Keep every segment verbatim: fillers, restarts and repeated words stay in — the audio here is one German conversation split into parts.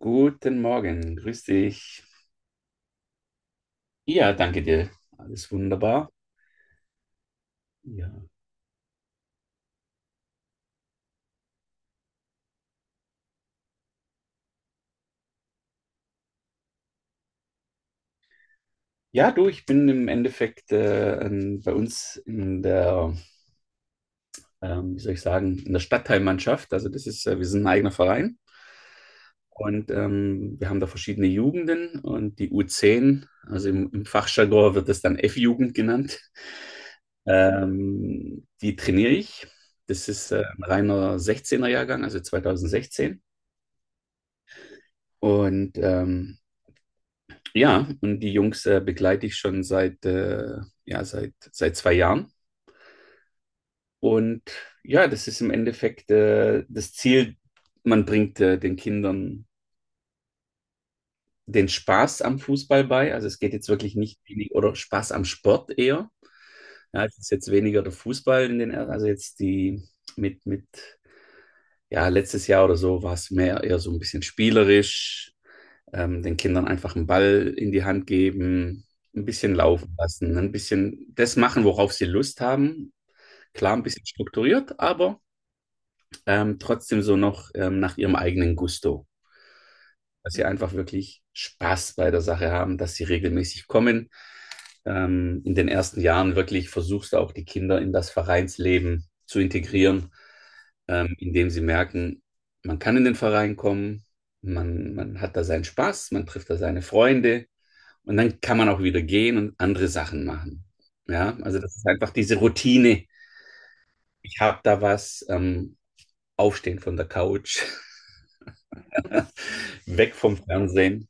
Guten Morgen, grüß dich. Ja, danke dir. Alles wunderbar. Ja, ja du, ich bin im Endeffekt äh, ähm, bei uns in der, ähm, wie soll ich sagen, in der Stadtteilmannschaft. Also das ist, äh, wir sind ein eigener Verein und ähm, wir haben da verschiedene Jugenden und die U zehn, also im, im Fachjargon wird das dann F-Jugend genannt, ähm, die trainiere ich. Das ist äh, ein reiner sechzehner-Jahrgang, also zweitausendsechzehn. Und ähm, Ja, und die Jungs äh, begleite ich schon seit, äh, ja, seit, seit zwei Jahren. Und ja, das ist im Endeffekt äh, das Ziel, man bringt äh, den Kindern den Spaß am Fußball bei. Also es geht jetzt wirklich nicht wenig, oder Spaß am Sport eher. Ja, es ist jetzt weniger der Fußball in den, also jetzt die mit, mit, ja, letztes Jahr oder so war es mehr eher so ein bisschen spielerisch, ähm, den Kindern einfach einen Ball in die Hand geben, ein bisschen laufen lassen, ein bisschen das machen, worauf sie Lust haben. Klar, ein bisschen strukturiert, aber ähm, trotzdem so noch ähm, nach ihrem eigenen Gusto. Dass sie einfach wirklich Spaß bei der Sache haben, dass sie regelmäßig kommen. Ähm, in den ersten Jahren wirklich versuchst du auch die Kinder in das Vereinsleben zu integrieren, ähm, indem sie merken, man kann in den Verein kommen, man, man hat da seinen Spaß, man trifft da seine Freunde. Und dann kann man auch wieder gehen und andere Sachen machen. Ja, also das ist einfach diese Routine. Ich habe da was, ähm, aufstehen von der Couch, weg vom Fernsehen.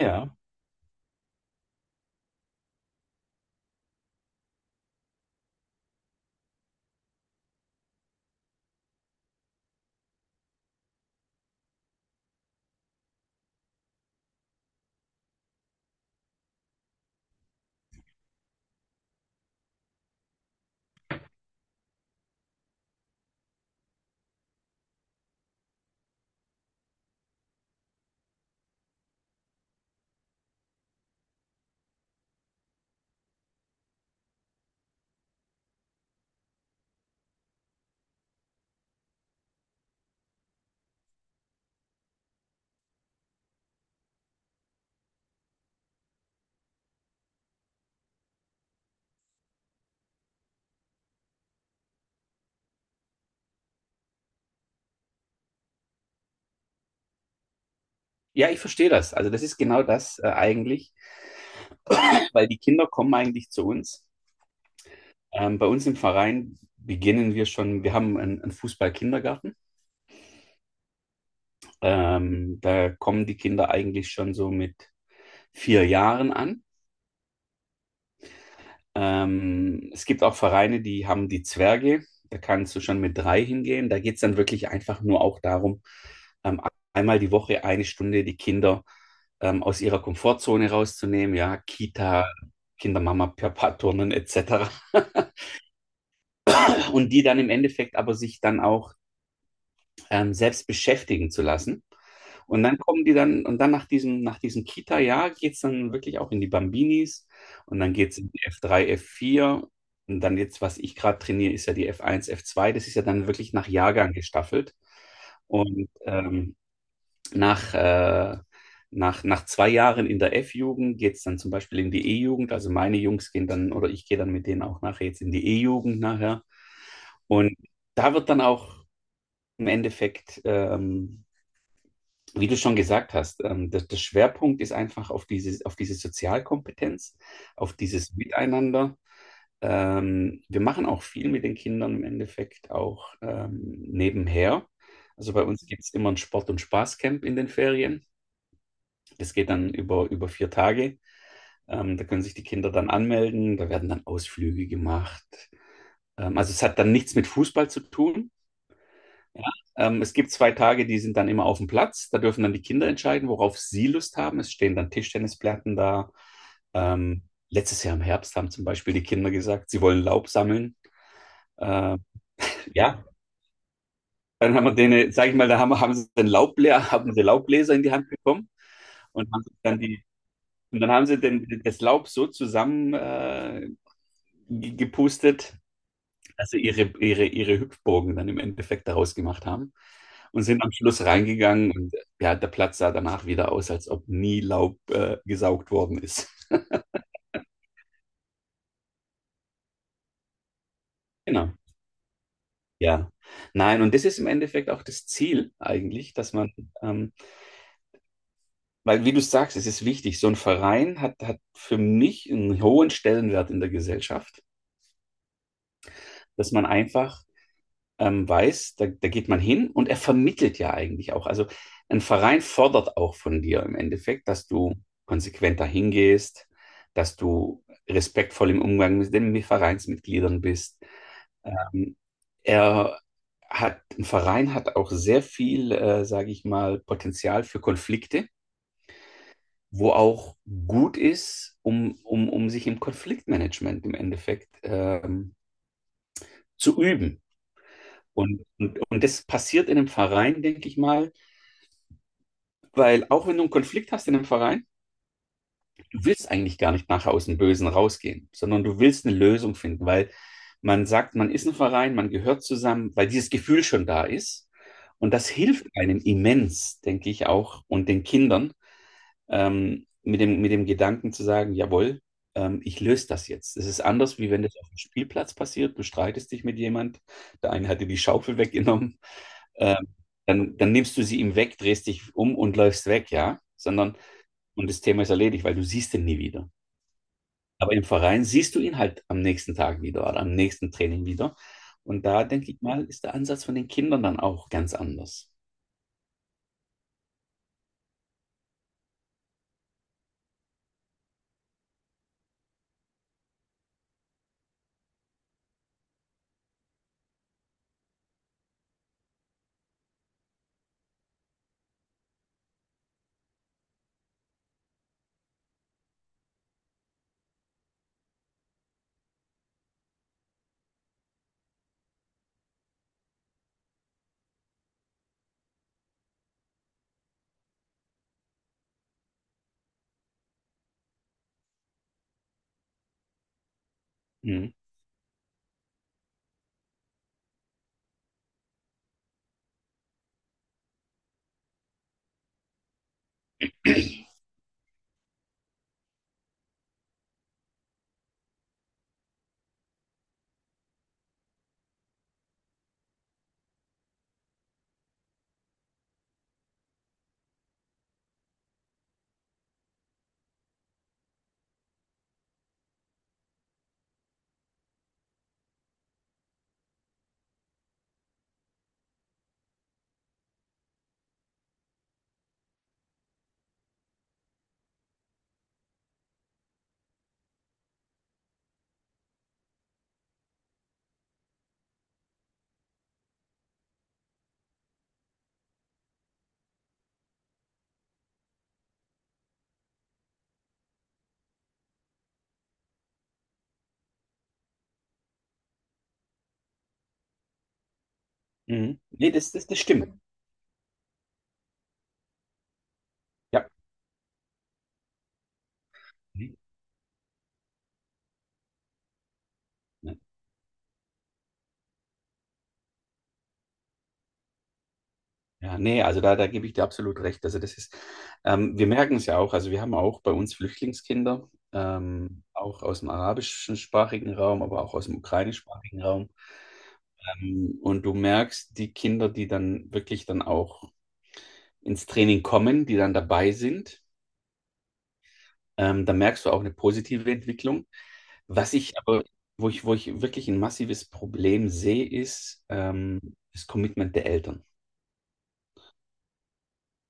Ja, ja, ich verstehe das. Also das ist genau das, äh, eigentlich, weil die Kinder kommen eigentlich zu uns. Ähm, bei uns im Verein beginnen wir schon, wir haben einen, einen Fußball-Kindergarten. Ähm, da kommen die Kinder eigentlich schon so mit vier Jahren an. Ähm, es gibt auch Vereine, die haben die Zwerge. Da kannst du schon mit drei hingehen. Da geht es dann wirklich einfach nur auch darum, ähm, einmal die Woche eine Stunde die Kinder ähm, aus ihrer Komfortzone rauszunehmen. Ja, Kita, Kindermama, Papa, Turnen et cetera Und die dann im Endeffekt aber sich dann auch ähm, selbst beschäftigen zu lassen. Und dann kommen die dann, und dann nach diesem, nach diesem Kita-Jahr geht es dann wirklich auch in die Bambinis und dann geht es in die F drei, F vier und dann jetzt, was ich gerade trainiere, ist ja die F eins, F zwei. Das ist ja dann wirklich nach Jahrgang gestaffelt. Und ähm, nach, äh, nach, nach zwei Jahren in der F-Jugend geht es dann zum Beispiel in die E-Jugend. Also meine Jungs gehen dann, oder ich gehe dann mit denen auch nachher jetzt in die E-Jugend nachher. Und da wird dann auch im Endeffekt ähm, wie du schon gesagt hast, ähm, der, der Schwerpunkt ist einfach auf diese, auf diese Sozialkompetenz, auf dieses Miteinander. Ähm, wir machen auch viel mit den Kindern im Endeffekt auch ähm, nebenher. Also bei uns gibt es immer ein Sport- und Spaßcamp in den Ferien. Das geht dann über, über vier Tage. Ähm, da können sich die Kinder dann anmelden, da werden dann Ausflüge gemacht. Ähm, also es hat dann nichts mit Fußball zu tun. Ja, ähm, es gibt zwei Tage, die sind dann immer auf dem Platz. Da dürfen dann die Kinder entscheiden, worauf sie Lust haben. Es stehen dann Tischtennisplatten da. Ähm, letztes Jahr im Herbst haben zum Beispiel die Kinder gesagt, sie wollen Laub sammeln. Äh, ja, dann haben wir denen, sag ich mal, da haben, haben sie den Laubbläser, haben sie Laubbläser in die Hand bekommen und haben dann die, und dann haben sie den, das Laub so zusammen äh, ge- gepustet, also ihre, ihre, ihre Hüpfburgen dann im Endeffekt daraus gemacht haben und sind am Schluss reingegangen und äh, ja, der Platz sah danach wieder aus, als ob nie Laub äh, gesaugt worden ist. Genau. Ja, nein, und das ist im Endeffekt auch das Ziel eigentlich, dass man, ähm, weil wie du sagst, es ist wichtig, so ein Verein hat, hat für mich einen hohen Stellenwert in der Gesellschaft, dass man einfach ähm, weiß, da, da geht man hin und er vermittelt ja eigentlich auch. Also ein Verein fordert auch von dir im Endeffekt, dass du konsequent dahin gehst, dass du respektvoll im Umgang mit den Vereinsmitgliedern bist. Ähm, er hat, ein Verein hat auch sehr viel, äh, sage ich mal, Potenzial für Konflikte, wo auch gut ist, um, um, um sich im Konfliktmanagement im Endeffekt ähm, zu üben. Und, und, und das passiert in einem Verein, denke ich mal, weil auch wenn du einen Konflikt hast in einem Verein, du willst eigentlich gar nicht nachher aus dem Bösen rausgehen, sondern du willst eine Lösung finden, weil man sagt, man ist ein Verein, man gehört zusammen, weil dieses Gefühl schon da ist. Und das hilft einem immens, denke ich auch, und den Kindern ähm, mit, dem, mit dem Gedanken zu sagen, jawohl, ähm, ich löse das jetzt. Es ist anders, wie wenn das auf dem Spielplatz passiert. Du streitest dich mit jemand, der eine hat dir die Schaufel weggenommen, ähm, dann, dann nimmst du sie ihm weg, drehst dich um und läufst weg, ja. Sondern und das Thema ist erledigt, weil du siehst ihn nie wieder. Aber im Verein siehst du ihn halt am nächsten Tag wieder oder am nächsten Training wieder. Und da denke ich mal, ist der Ansatz von den Kindern dann auch ganz anders. Mhm. Mhm. Nee, das, das, das stimmt. Ja. Mhm. Ja, nee, also da, da gebe ich dir absolut recht. Also das ist, ähm, wir merken es ja auch, also wir haben auch bei uns Flüchtlingskinder, ähm, auch aus dem arabischsprachigen Raum, aber auch aus dem ukrainischsprachigen Raum. Ähm, und du merkst die Kinder, die dann wirklich dann auch ins Training kommen, die dann dabei sind. Ähm, da merkst du auch eine positive Entwicklung. Was ich aber, wo ich, wo ich wirklich ein massives Problem sehe, ist ähm, das Commitment der Eltern.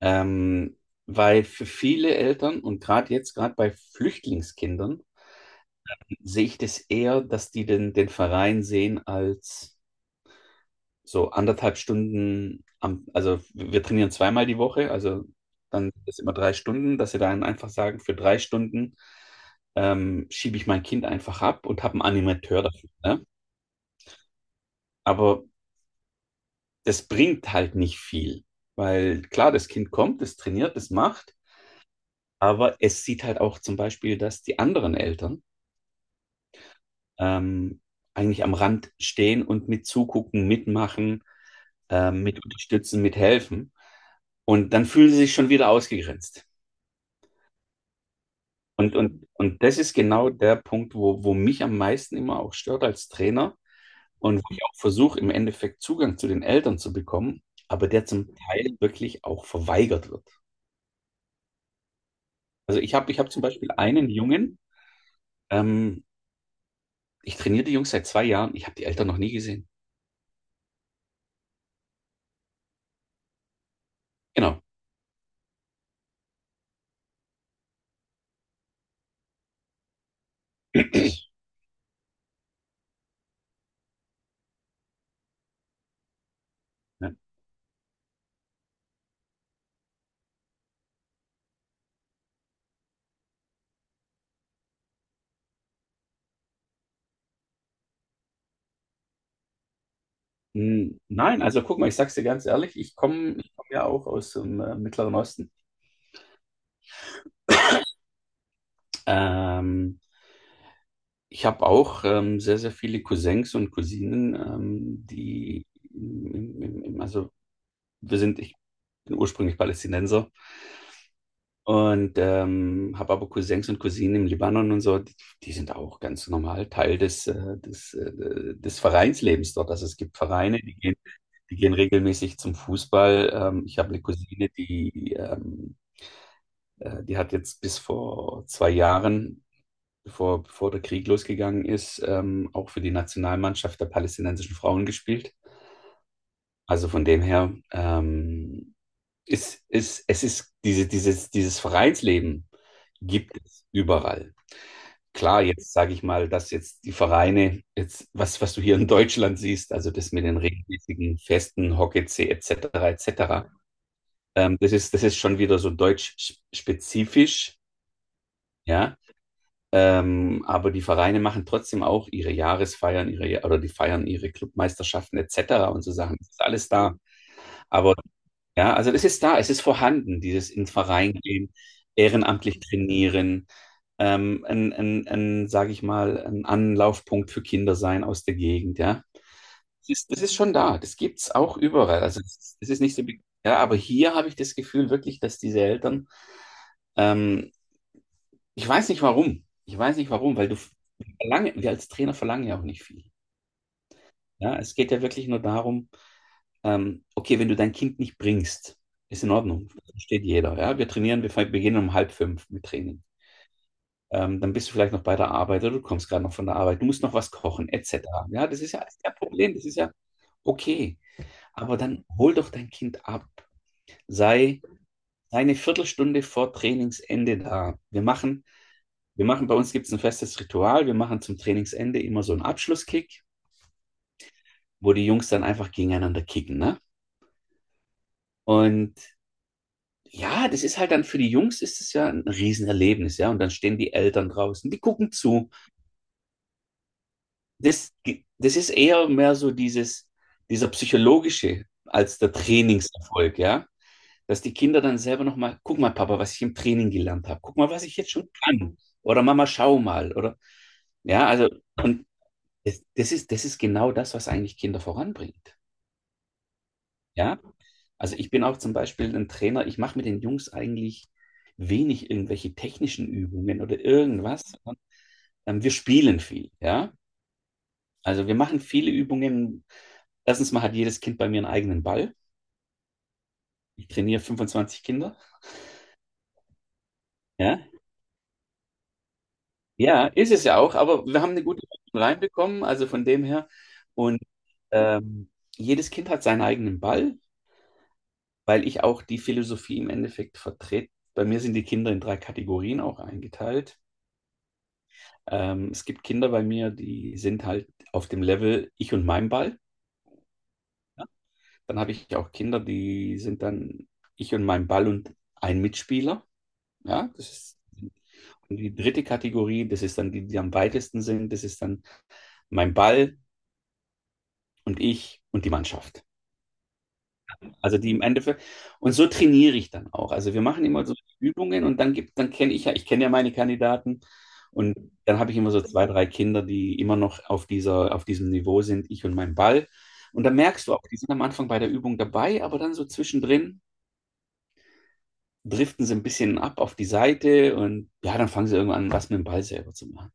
Ähm, weil für viele Eltern und gerade jetzt, gerade bei Flüchtlingskindern, sehe ich das eher, dass die den, den Verein sehen als so anderthalb Stunden am, also wir trainieren zweimal die Woche, also dann ist immer drei Stunden, dass sie dann einfach sagen, für drei Stunden ähm, schiebe ich mein Kind einfach ab und habe einen Animateur dafür. Ne? Aber das bringt halt nicht viel, weil klar, das Kind kommt, es trainiert, es macht, aber es sieht halt auch zum Beispiel, dass die anderen Eltern ähm, eigentlich am Rand stehen und mit zugucken, mitmachen, ähm, mit unterstützen, mithelfen. Und dann fühlen sie sich schon wieder ausgegrenzt. Und, und, und das ist genau der Punkt, wo, wo mich am meisten immer auch stört als Trainer und wo ich auch versuche, im Endeffekt Zugang zu den Eltern zu bekommen, aber der zum Teil wirklich auch verweigert wird. Also ich habe ich hab zum Beispiel einen Jungen, ähm, ich trainiere die Jungs seit zwei Jahren, ich habe die Eltern noch nie gesehen. Genau. Ja. Hm, Nein, also guck mal, ich sag's dir ganz ehrlich, ich komme ich komm ja auch aus dem äh, Mittleren Osten. Ähm, Ich habe auch ähm, sehr, sehr viele Cousins und Cousinen, ähm, die, im, im, im- also wir sind, ich bin ursprünglich Palästinenser und ähm, habe aber Cousins und Cousinen im Libanon und so, die, die sind auch ganz normal Teil des, äh, des, äh, des Vereinslebens dort. Also es gibt Vereine, die gehen, die gehen regelmäßig zum Fußball. Ähm, ich habe eine Cousine, die, ähm, äh, die hat jetzt bis vor zwei Jahren bevor, bevor der Krieg losgegangen ist, ähm, auch für die Nationalmannschaft der palästinensischen Frauen gespielt. Also von dem her ähm, ist, ist, es ist diese, dieses, dieses Vereinsleben gibt es überall. Klar, jetzt sage ich mal, dass jetzt die Vereine, jetzt, was, was du hier in Deutschland siehst, also das mit den regelmäßigen Festen, Hockey-C et cetera et cetera, ähm, das, ist, das ist schon wieder so deutsch-spezifisch, ja. Ähm, aber die Vereine machen trotzdem auch ihre Jahresfeiern, ihre, Ja-, oder die feiern ihre Clubmeisterschaften et cetera und so Sachen. Das ist alles da. Aber ja, also das ist da, es ist vorhanden, dieses in den Verein gehen, ehrenamtlich trainieren, ähm, ein, ein, ein sage ich mal, ein Anlaufpunkt für Kinder sein aus der Gegend, ja. Das ist, das ist schon da, das gibt's auch überall. Also es ist, es ist nicht so, be- ja, aber hier habe ich das Gefühl wirklich, dass diese Eltern ähm, ich weiß nicht warum. Ich weiß nicht warum, weil du verlange, wir als Trainer verlangen ja auch nicht viel. Ja, es geht ja wirklich nur darum, ähm, okay, wenn du dein Kind nicht bringst, ist in Ordnung. Das versteht jeder. Ja, wir trainieren, wir fang- beginnen um halb fünf mit Training. Ähm, dann bist du vielleicht noch bei der Arbeit oder du kommst gerade noch von der Arbeit, du musst noch was kochen, et cetera Ja, das ist ja alles kein Problem, das ist ja okay. Aber dann hol doch dein Kind ab. Sei, sei eine Viertelstunde vor Trainingsende da. Wir machen Wir machen, bei uns gibt es ein festes Ritual. Wir machen zum Trainingsende immer so einen Abschlusskick, wo die Jungs dann einfach gegeneinander kicken, ne? Und ja, das ist halt dann für die Jungs ist es ja ein Riesenerlebnis, ja. Und dann stehen die Eltern draußen, die gucken zu. Das, das ist eher mehr so dieses, dieser psychologische als der Trainingserfolg, ja. Dass die Kinder dann selber nochmal, guck mal, Papa, was ich im Training gelernt habe. Guck mal, was ich jetzt schon kann. Oder Mama, schau mal. Oder ja, also. Und Das, das ist, das ist genau das, was eigentlich Kinder voranbringt. Ja, also ich bin auch zum Beispiel ein Trainer, ich mache mit den Jungs eigentlich wenig irgendwelche technischen Übungen oder irgendwas, sondern Ähm, wir spielen viel, ja. Also wir machen viele Übungen. Erstens mal hat jedes Kind bei mir einen eigenen Ball. Ich trainiere fünfundzwanzig Kinder. Ja, ja, ist es ja auch, aber wir haben eine gute Mischung reinbekommen, also von dem her. Und ähm, jedes Kind hat seinen eigenen Ball, weil ich auch die Philosophie im Endeffekt vertrete. Bei mir sind die Kinder in drei Kategorien auch eingeteilt. Ähm, es gibt Kinder bei mir, die sind halt auf dem Level ich und mein Ball. Ja? Dann habe ich auch Kinder, die sind dann ich und mein Ball und ein Mitspieler. Ja, das ist die dritte Kategorie, das ist dann die, die am weitesten sind, das ist dann mein Ball und ich und die Mannschaft. Also die im Endeffekt, und so trainiere ich dann auch. Also wir machen immer so Übungen und dann gibt, dann kenne ich ja, ich kenne ja meine Kandidaten und dann habe ich immer so zwei, drei Kinder, die immer noch auf dieser, auf diesem Niveau sind, ich und mein Ball. Und da merkst du auch, die sind am Anfang bei der Übung dabei, aber dann so zwischendrin driften sie ein bisschen ab auf die Seite und ja, dann fangen sie irgendwann an, was mit dem Ball selber zu machen.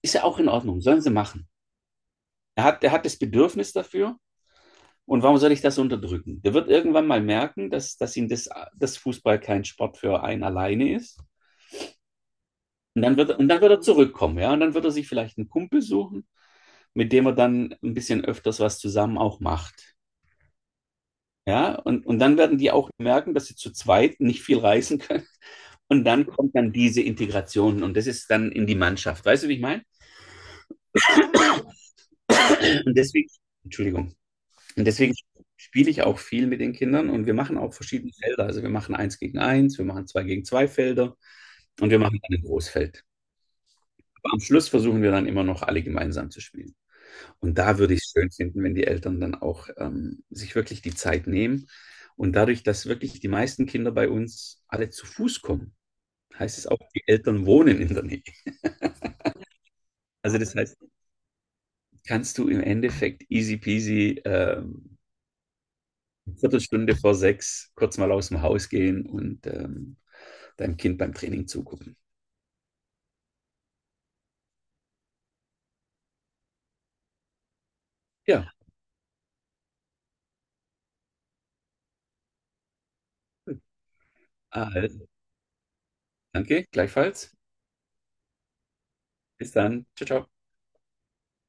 Ist ja auch in Ordnung, sollen sie machen. Er hat, er hat das Bedürfnis dafür. Und warum soll ich das unterdrücken? Der wird irgendwann mal merken, dass, dass ihm das, dass Fußball kein Sport für einen alleine ist. Und dann wird, und dann wird er zurückkommen, ja. Und dann wird er sich vielleicht einen Kumpel suchen, mit dem er dann ein bisschen öfters was zusammen auch macht. Ja, und, und dann werden die auch merken, dass sie zu zweit nicht viel reißen können. Und dann kommt dann diese Integration und das ist dann in die Mannschaft. Weißt du, wie ich meine? Und deswegen, Entschuldigung, und deswegen spiele ich auch viel mit den Kindern, und wir machen auch verschiedene Felder. Also wir machen eins gegen eins, wir machen zwei gegen zwei Felder. Und wir machen dann ein Großfeld. Aber am Schluss versuchen wir dann immer noch alle gemeinsam zu spielen. Und da würde ich es schön finden, wenn die Eltern dann auch ähm, sich wirklich die Zeit nehmen. Und dadurch, dass wirklich die meisten Kinder bei uns alle zu Fuß kommen, heißt es auch, die Eltern wohnen in der Nähe. Also das heißt, kannst du im Endeffekt easy peasy ähm, eine Viertelstunde vor sechs kurz mal aus dem Haus gehen und ähm, deinem Kind beim Training zugucken. Ja, also, danke, gleichfalls. Bis dann. Ciao, ciao.